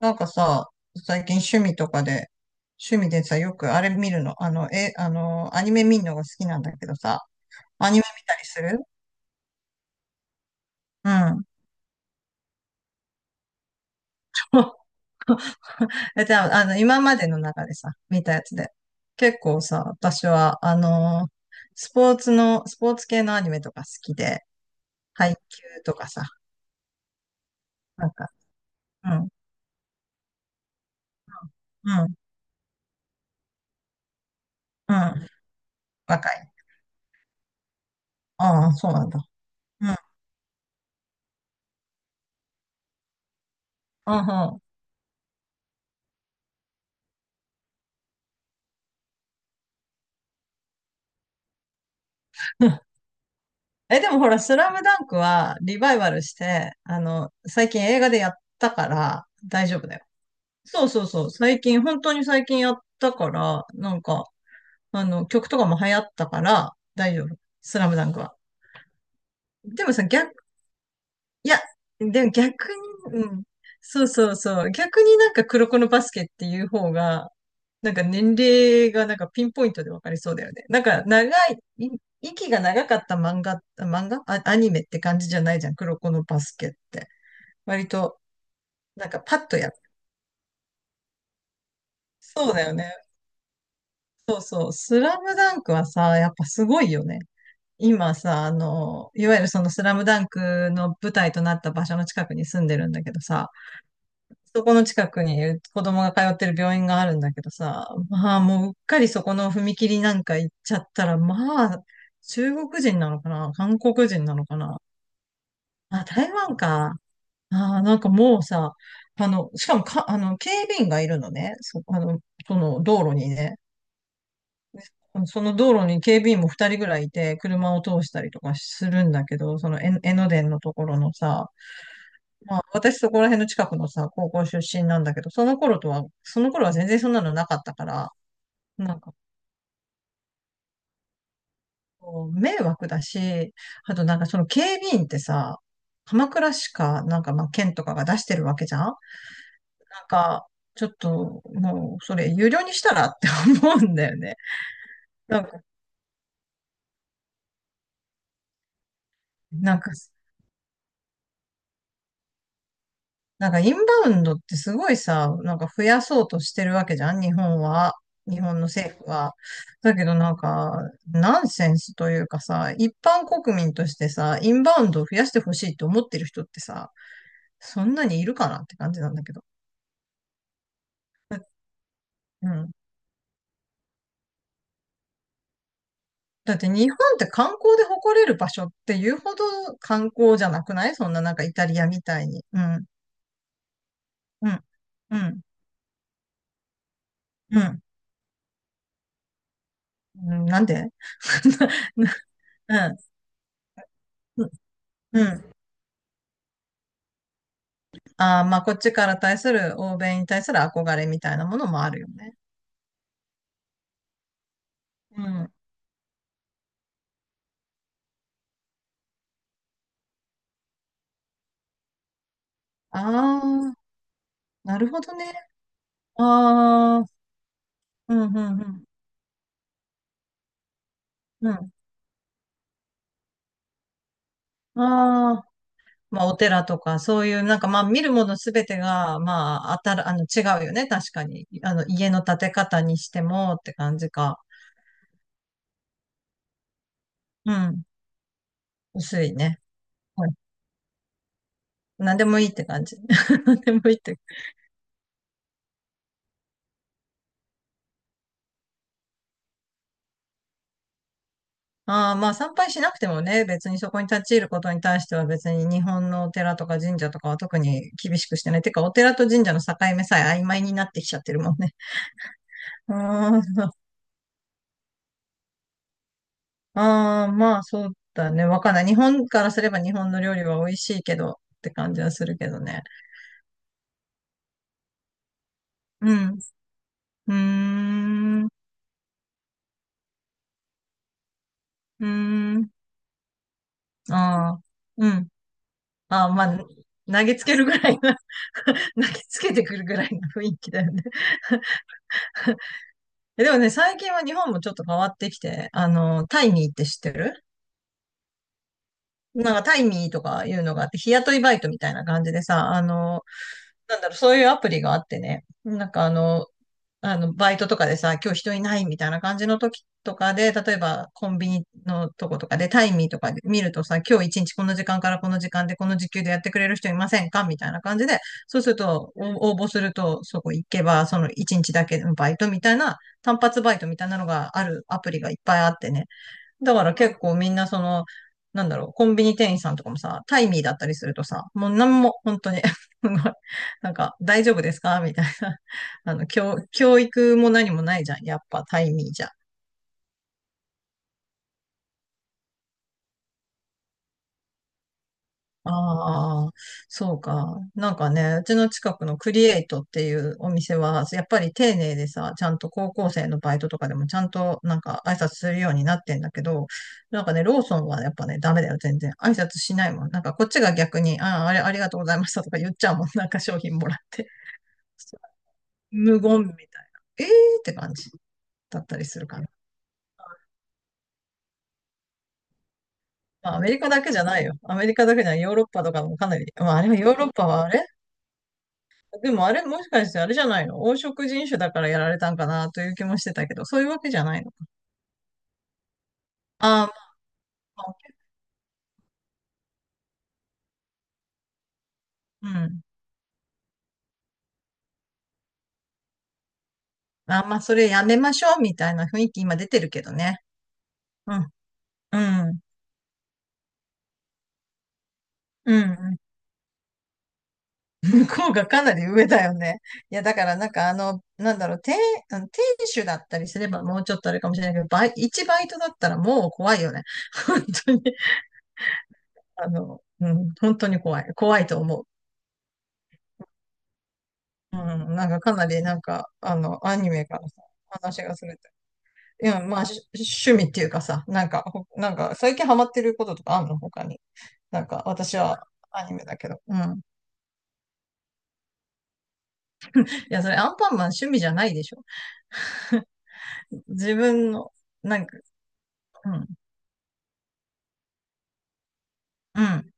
なんかさ、最近趣味とかで、趣味でさ、よくあれ見るの、あの、え、あの、アニメ見るのが好きなんだけどさ、アニメ見たりする。うん。え、じゃあ、今までの中でさ、見たやつで。結構さ、私は、スポーツ系のアニメとか好きで、配球とかさ、なんか、うん、うん、うん、若い。ああ、そうなんだ。うん、うん、うん。え、でもほら、スラムダンクはリバイバルして、最近映画でやったから大丈夫だよ。そうそうそう。最近、本当に最近やったから、なんか、曲とかも流行ったから大丈夫。スラムダンクは。でもさ、逆いや、でも逆に、うん。そうそうそう。逆になんか黒子のバスケっていう方が、なんか年齢がなんかピンポイントでわかりそうだよね。なんか長い、い息が長かった漫画、漫画あ、アニメって感じじゃないじゃん。黒子のバスケって。割と、なんかパッとやる。そうだよね。そうそう。スラムダンクはさ、やっぱすごいよね。今さ、いわゆるそのスラムダンクの舞台となった場所の近くに住んでるんだけどさ、そこの近くに子供が通ってる病院があるんだけどさ、まあもううっかりそこの踏切なんか行っちゃったら、まあ中国人なのかな、韓国人なのかな。あ、台湾か。あー、なんかもうさ、あの、しかもか、あの、警備員がいるのね。その道路にね。その道路に警備員も二人ぐらいいて、車を通したりとかするんだけど、その江ノ電のところのさ、私そこら辺の近くのさ、高校出身なんだけど、その頃とは、その頃は全然そんなのなかったから、なんかこう、迷惑だし、あとなんかその警備員ってさ、鎌倉市か、なんかまあ県とかが出してるわけじゃん。なんか、ちょっともうそれ有料にしたらって思うんだよね。なんか、なんかなんか、インバウンドってすごいさ、なんか増やそうとしてるわけじゃん、日本は。日本の政府は。だけどなんか、ナンセンスというかさ、一般国民としてさ、インバウンドを増やしてほしいと思ってる人ってさ、そんなにいるかなって感じなんだけど。うん。だって日本って観光で誇れる場所っていうほど観光じゃなくない？そんな、なんかイタリアみたいに。うん。うん。うん。うん。うん、なんで？ ななうん。うん。ああ、まあ、こっちから対する、欧米に対する憧れみたいなものもあるよね。うん。ああ、なるほどね。ああ、うん、うん、うん。うん。ああ、まあ、お寺とか、そういう、なんか、まあ、見るものすべてが、まあ、あたら、あの、違うよね。確かに。家の建て方にしても、って感じか。うん。薄いね。はい。何でもいいって感じ。何でもいいって。ああ、まあ参拝しなくてもね、別にそこに立ち入ることに対しては別に日本のお寺とか神社とかは特に厳しくしてない。てか、お寺と神社の境目さえ曖昧になってきちゃってるもんね。ああ、ああ、まあそうだね。わかんない。日本からすれば日本の料理は美味しいけどって感じはするけどね。うん。うーん。うーん。ああ、うん。ああ、まあ、投げつけるぐらいな 投げつけてくるぐらいの雰囲気だよね。でもね、最近は日本もちょっと変わってきて、タイミーって知ってる？なんかタイミーとかいうのがあって、日雇いバイトみたいな感じでさ、そういうアプリがあってね。バイトとかでさ、今日人いないみたいな感じの時とかで、例えばコンビニのとことかで、タイミーとかで見るとさ、今日一日この時間からこの時間でこの時給でやってくれる人いませんかみたいな感じで、そうすると、応募すると、そこ行けば、その一日だけのバイトみたいな、単発バイトみたいなのがあるアプリがいっぱいあってね。だから結構みんなその、なんだろう、コンビニ店員さんとかもさ、タイミーだったりするとさ、もうなんも、本当に なんか、大丈夫ですかみたいな。教育も何もないじゃん。やっぱタイミーじゃん。ああ、そうか。なんかね、うちの近くのクリエイトっていうお店は、やっぱり丁寧でさ、ちゃんと高校生のバイトとかでもちゃんとなんか挨拶するようになってんだけど、なんかね、ローソンはやっぱね、ダメだよ、全然。挨拶しないもん。なんかこっちが逆に、ああ、あれ、ありがとうございましたとか言っちゃうもん。なんか商品もらって。無言みたいな。えーって感じだったりするかな。まあ、アメリカだけじゃないよ。アメリカだけじゃない。ヨーロッパとかもかなり。まあ、あれはヨーロッパはあれでもあれ、もしかしてあれじゃないの？黄色人種だからやられたんかなという気もしてたけど、そういうわけじゃないの？ああ、まあ、OK。 うん。あーまあ、それやめましょうみたいな雰囲気今出てるけどね。うん、うん、うん。うん。向こうがかなり上だよね。いや、だからなんかあの、なんだろう、店、あの店主だったりすればもうちょっとあれかもしれないけど、一バイトだったらもう怖いよね。本当に。うん、本当に怖い。怖いと思う。うん、なんかかなりなんか、アニメからさ、話がする。いや、まあ、趣味っていうかさ、なんか、なんか、最近ハマってることとかあんの他に。なんか、私はアニメだけど。うん。いや、それアンパンマン趣味じゃないでしょ。自分の、なんか、うん、うん。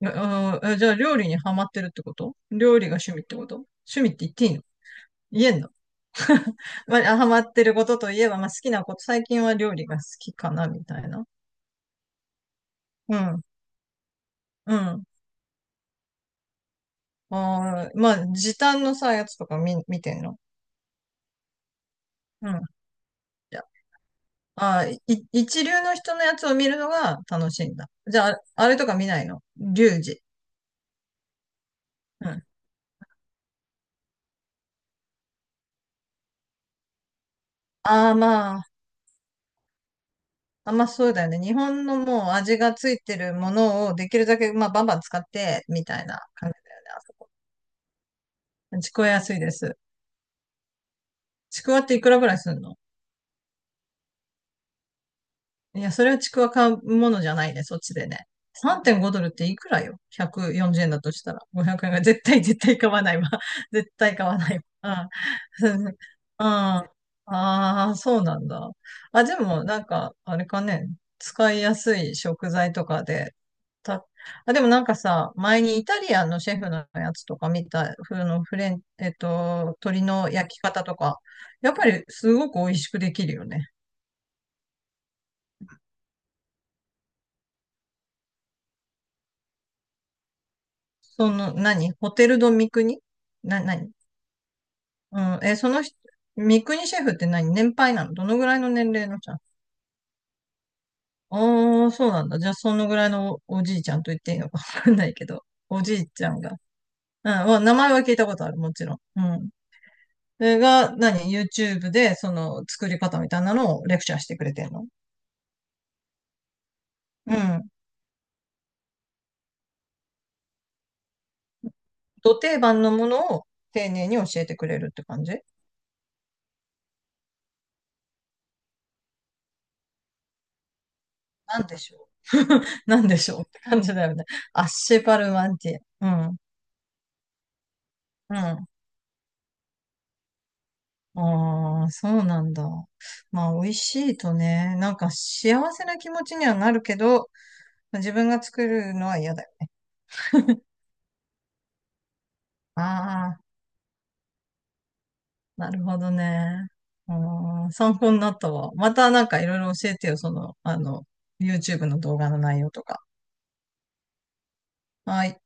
うん、うん、じゃあ、料理にハマってるってこと？料理が趣味ってこと？趣味って言っていいの？言えんの？まあ、ハマってることといえば、まあ、好きなこと、最近は料理が好きかな、みたいな。うん、うん。あーまあ、時短のさ、やつとか見てんの？うん。ああ、一流の人のやつを見るのが楽しいんだ。じゃあ、あれとか見ないの？リュウジ。うん。ああ、まあ、あんまあそうだよね。日本のもう味がついてるものをできるだけ、まあ、バンバン使って、みたいな感じだよね、あそこ。ちくわ安いです。ちくわっていくらぐらいすんの？いや、それはちくわ買うものじゃないね、そっちでね。3.5ドルっていくらよ？ 140 円だとしたら。500円が絶対、絶対買わないわ。絶対買わないわ。うん。うん。ああ、そうなんだ。あ、でも、なんか、あれかね、使いやすい食材とかで、た、あ、でもなんかさ、前にイタリアンのシェフのやつとか見た、ふのフレン、えっと、鶏の焼き方とか、やっぱりすごく美味しくできるよね。何？ホテルド三国？何？うん、その人、三国シェフって何年配なの？どのぐらいの年齢の？ちゃんああー、そうなんだ。じゃあ、そのぐらいのおじいちゃんと言っていいのかわかんないけど、おじいちゃんが。うん、まあ名前は聞いたことある、もちろん。うん。それが、何？ YouTube で、作り方みたいなのをレクチャーしてくれてんの？うん。ど定番のものを丁寧に教えてくれるって感じ？なんでしょう なんでしょうって感じだよね。アッシェパルマンティエ。うん。うん。ああ、そうなんだ。まあ、美味しいとね、なんか幸せな気持ちにはなるけど、自分が作るのは嫌だよ。ああ、なるほどね。うん、参考になったわ。またなんかいろいろ教えてよ、YouTube の動画の内容とか。はい。